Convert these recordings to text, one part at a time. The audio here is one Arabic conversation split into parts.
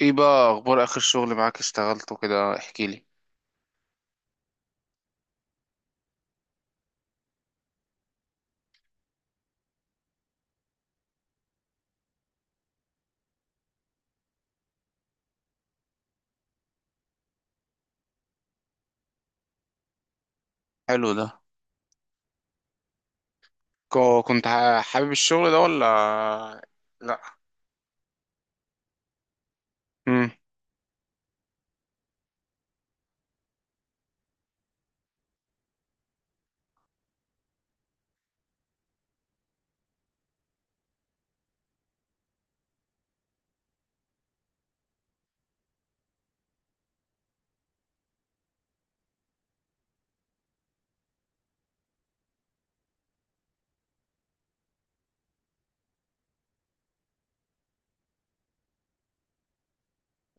ايه بقى اخبار اخر شغل معاك اشتغلته كده؟ احكي لي. حلو ده. كنت حابب الشغل ده ولا؟ لا. امم.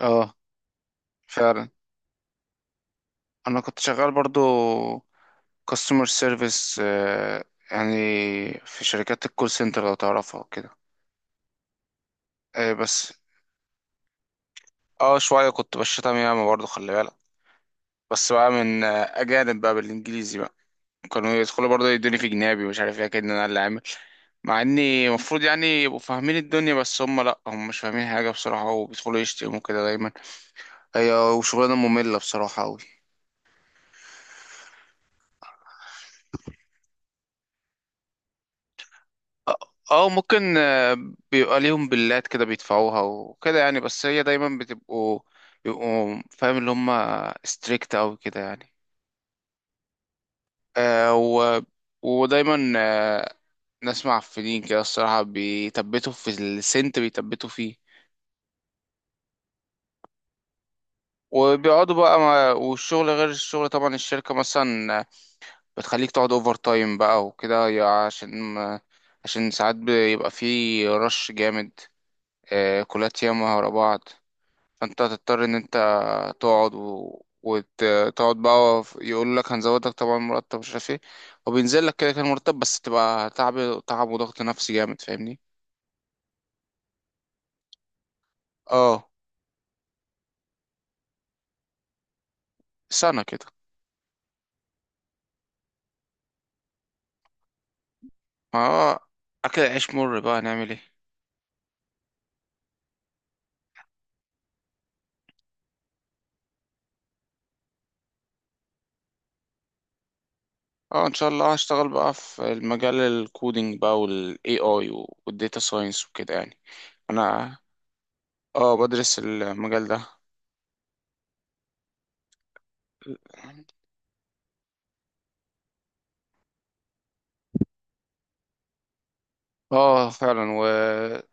اه فعلا. انا كنت شغال برضو كاستمر سيرفيس، يعني في شركات الكول سنتر لو تعرفها وكده. بس. اه، شويه كنت بشتم ياما برضو، خلي بالك. بس بقى من اجانب بقى، بالانجليزي بقى. كانوا يدخلوا برضو يدوني في جنابي، مش عارف ايه كده انا اللي عامل. مع اني المفروض يعني يبقوا فاهمين الدنيا، بس هم، لا، هم مش فاهمين حاجه بصراحه، وبيدخلوا يشتموا كده دايما. هي وشغلانه ممله بصراحه قوي. اه ممكن. بيبقى ليهم بلات كده بيدفعوها وكده يعني، بس هي دايما بتبقوا، بيبقوا فاهم، اللي هم ستريكت اوي كده يعني. آه و... ودايما نسمع في دين كده الصراحة، بيثبتوا في السنت، بيثبتوا فيه. وبيقعدوا بقى والشغل غير الشغل طبعا، الشركة مثلا بتخليك تقعد اوفر تايم بقى وكده، عشان ساعات بيبقى في رش جامد، كلات ياما ورا بعض. فانت هتضطر ان انت تقعد وتقعد بقى، يقول لك هنزودك طبعا مرتب، مش عارف ايه، وبينزل لك كده كان مرتب، بس تبقى تعب وضغط نفسي جامد، فاهمني؟ اه، سنة كده. اه، اكل العيش مر بقى، هنعمل ايه؟ اه ان شاء الله، هشتغل بقى في المجال الكودينج بقى، والاي اي والديتا ساينس وكده يعني. انا. اه بدرس المجال ده. اه فعلا، وحاجة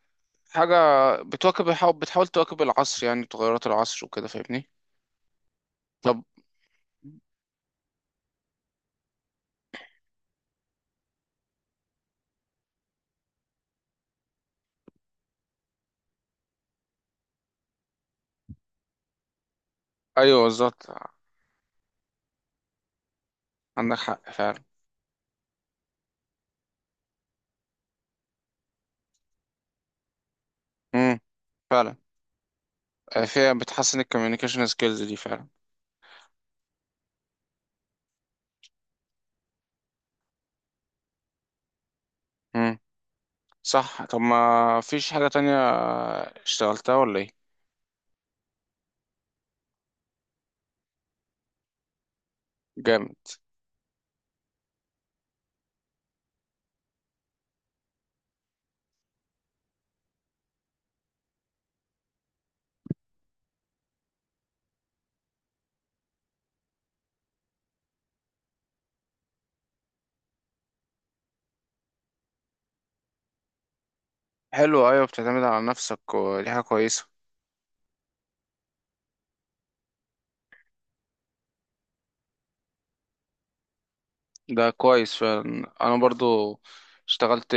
بتواكب بتحاول تواكب العصر، يعني تغيرات العصر وكده، فاهمني. طب. ايوه بالظبط. عندك حق فعلا. امم. فعلا. فيها بتحسن الكوميونيكيشن سكيلز دي فعلا. امم. صح، طب ما فيش حاجة تانية اشتغلتها ولا ايه؟ جامد. حلو، ايوه، بتعتمد على نفسك ودي حاجة كويسة. ده كويس فعلا، انا برضو اشتغلت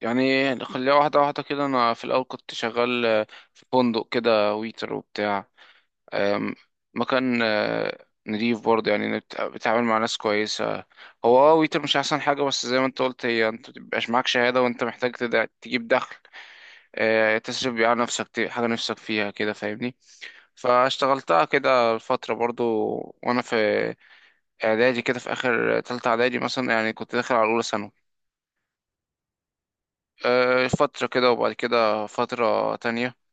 يعني، خليها واحدة واحدة كده، أنا في الأول كنت شغال. في فندق كده، ويتر وبتاع. آم، مكان نضيف برضه، يعني بتعامل مع ناس كويسة. هو ويتر مش أحسن حاجة، بس زي ما أنت قلت، هي أنت مبيبقاش معاك شهادة وأنت محتاج تجيب دخل، تصرف بيه على نفسك حاجة نفسك فيها كده، فاهمني. فاشتغلتها كده فترة برضه. وأنا في إعدادي كده، في آخر تالتة إعدادي مثلا، يعني كنت داخل على أولى ثانوي. فترة كده وبعد كده فترة تانية.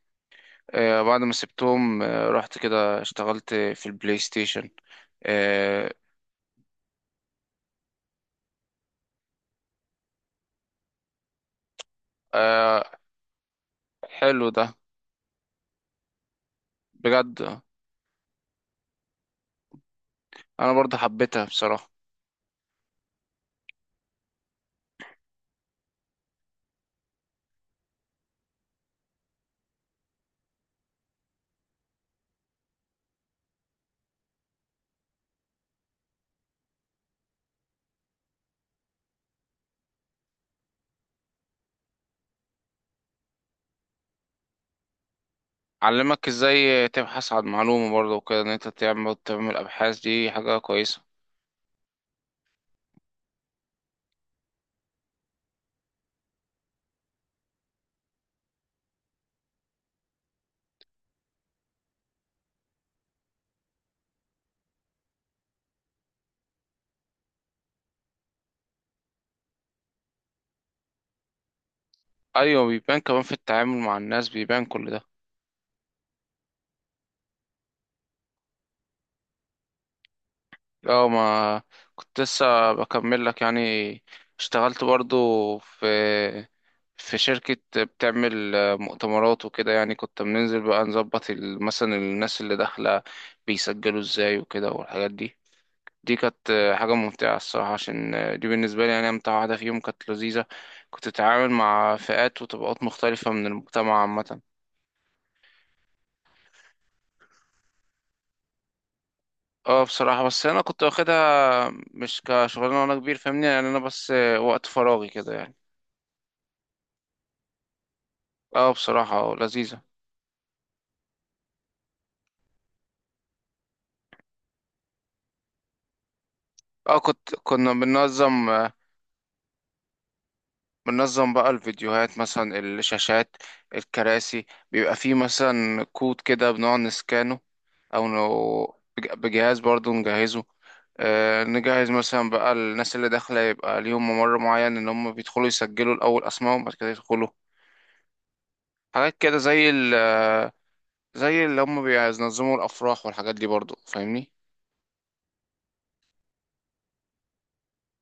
بعد ما سبتهم رحت كده اشتغلت في البلاي ستيشن. آه، آه، حلو ده بجد. انا برضه حبيتها بصراحة. علمك ازاي تبحث عن معلومة برضه وكده، ان انت تعمل ابحاث، دي حاجة كويسة. ايوه، بيبان كمان في التعامل مع الناس، بيبان كل ده. اه، ما كنت لسه بكمل لك يعني، اشتغلت برضو في في شركة بتعمل مؤتمرات وكده، يعني كنت بننزل بقى نظبط مثلا الناس اللي داخلة بيسجلوا ازاي وكده، والحاجات دي. دي كانت حاجة ممتعة الصراحة، عشان دي بالنسبة لي يعني أمتع واحدة فيهم، كانت لذيذة. كنت بتتعامل مع فئات وطبقات مختلفة من المجتمع عامة. اه بصراحة، بس أنا كنت واخدها مش كشغلانة وأنا كبير، فاهمني، يعني أنا بس وقت فراغي كده يعني. اه بصراحة، اه لذيذة. اه، كنا بننظم بقى الفيديوهات مثلا، الشاشات، الكراسي. بيبقى فيه مثلا كود كده، بنقعد نسكانه، او بجهاز برضو نجهزه. نجهز مثلا بقى، الناس اللي داخلة يبقى ليهم ممر معين، ان هم بيدخلوا يسجلوا الاول اسمائهم بعد كده يدخلوا. حاجات كده، زي ال آه، زي اللي هم بينظموا الافراح والحاجات دي برضو، فاهمني.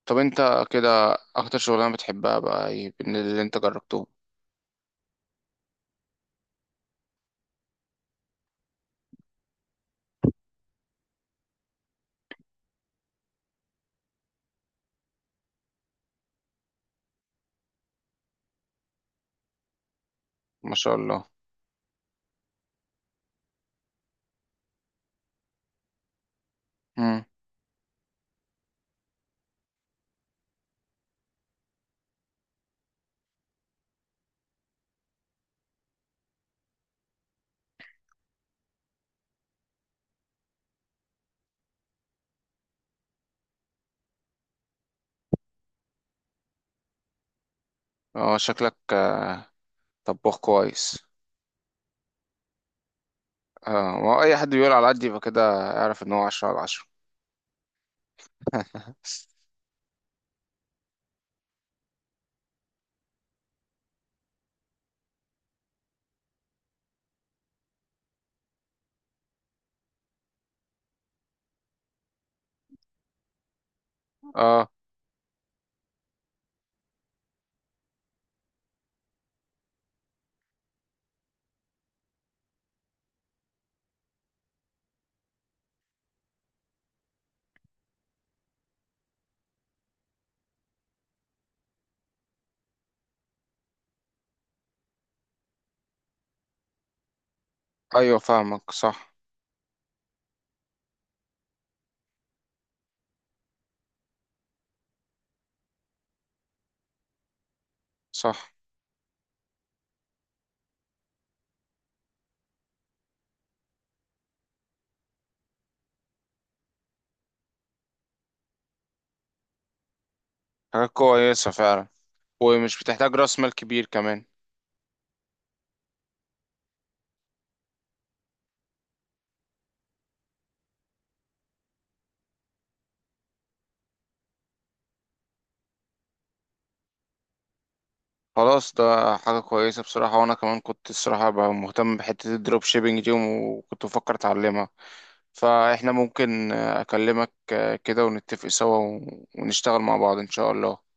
طب انت كده، اكتر شغلانة بتحبها بقى ايه من اللي انت جربته؟ ما شاء الله. امم. اه، شكلك طباخ كويس. اه، ما هو اي حد بيقول على قد يبقى كده اعرف ان هو 10/10. اه ايوه، فاهمك، صح. صح. حاجة كويسة فعلا، ومش بتحتاج راس مال كبير كمان. خلاص، ده حاجة كويسة بصراحة، وانا كمان كنت الصراحة بقى مهتم بحتة الدروب شيبينج دي، وكنت بفكر اتعلمها. فاحنا ممكن اكلمك كده، ونتفق سوا، ونشتغل مع بعض ان شاء الله.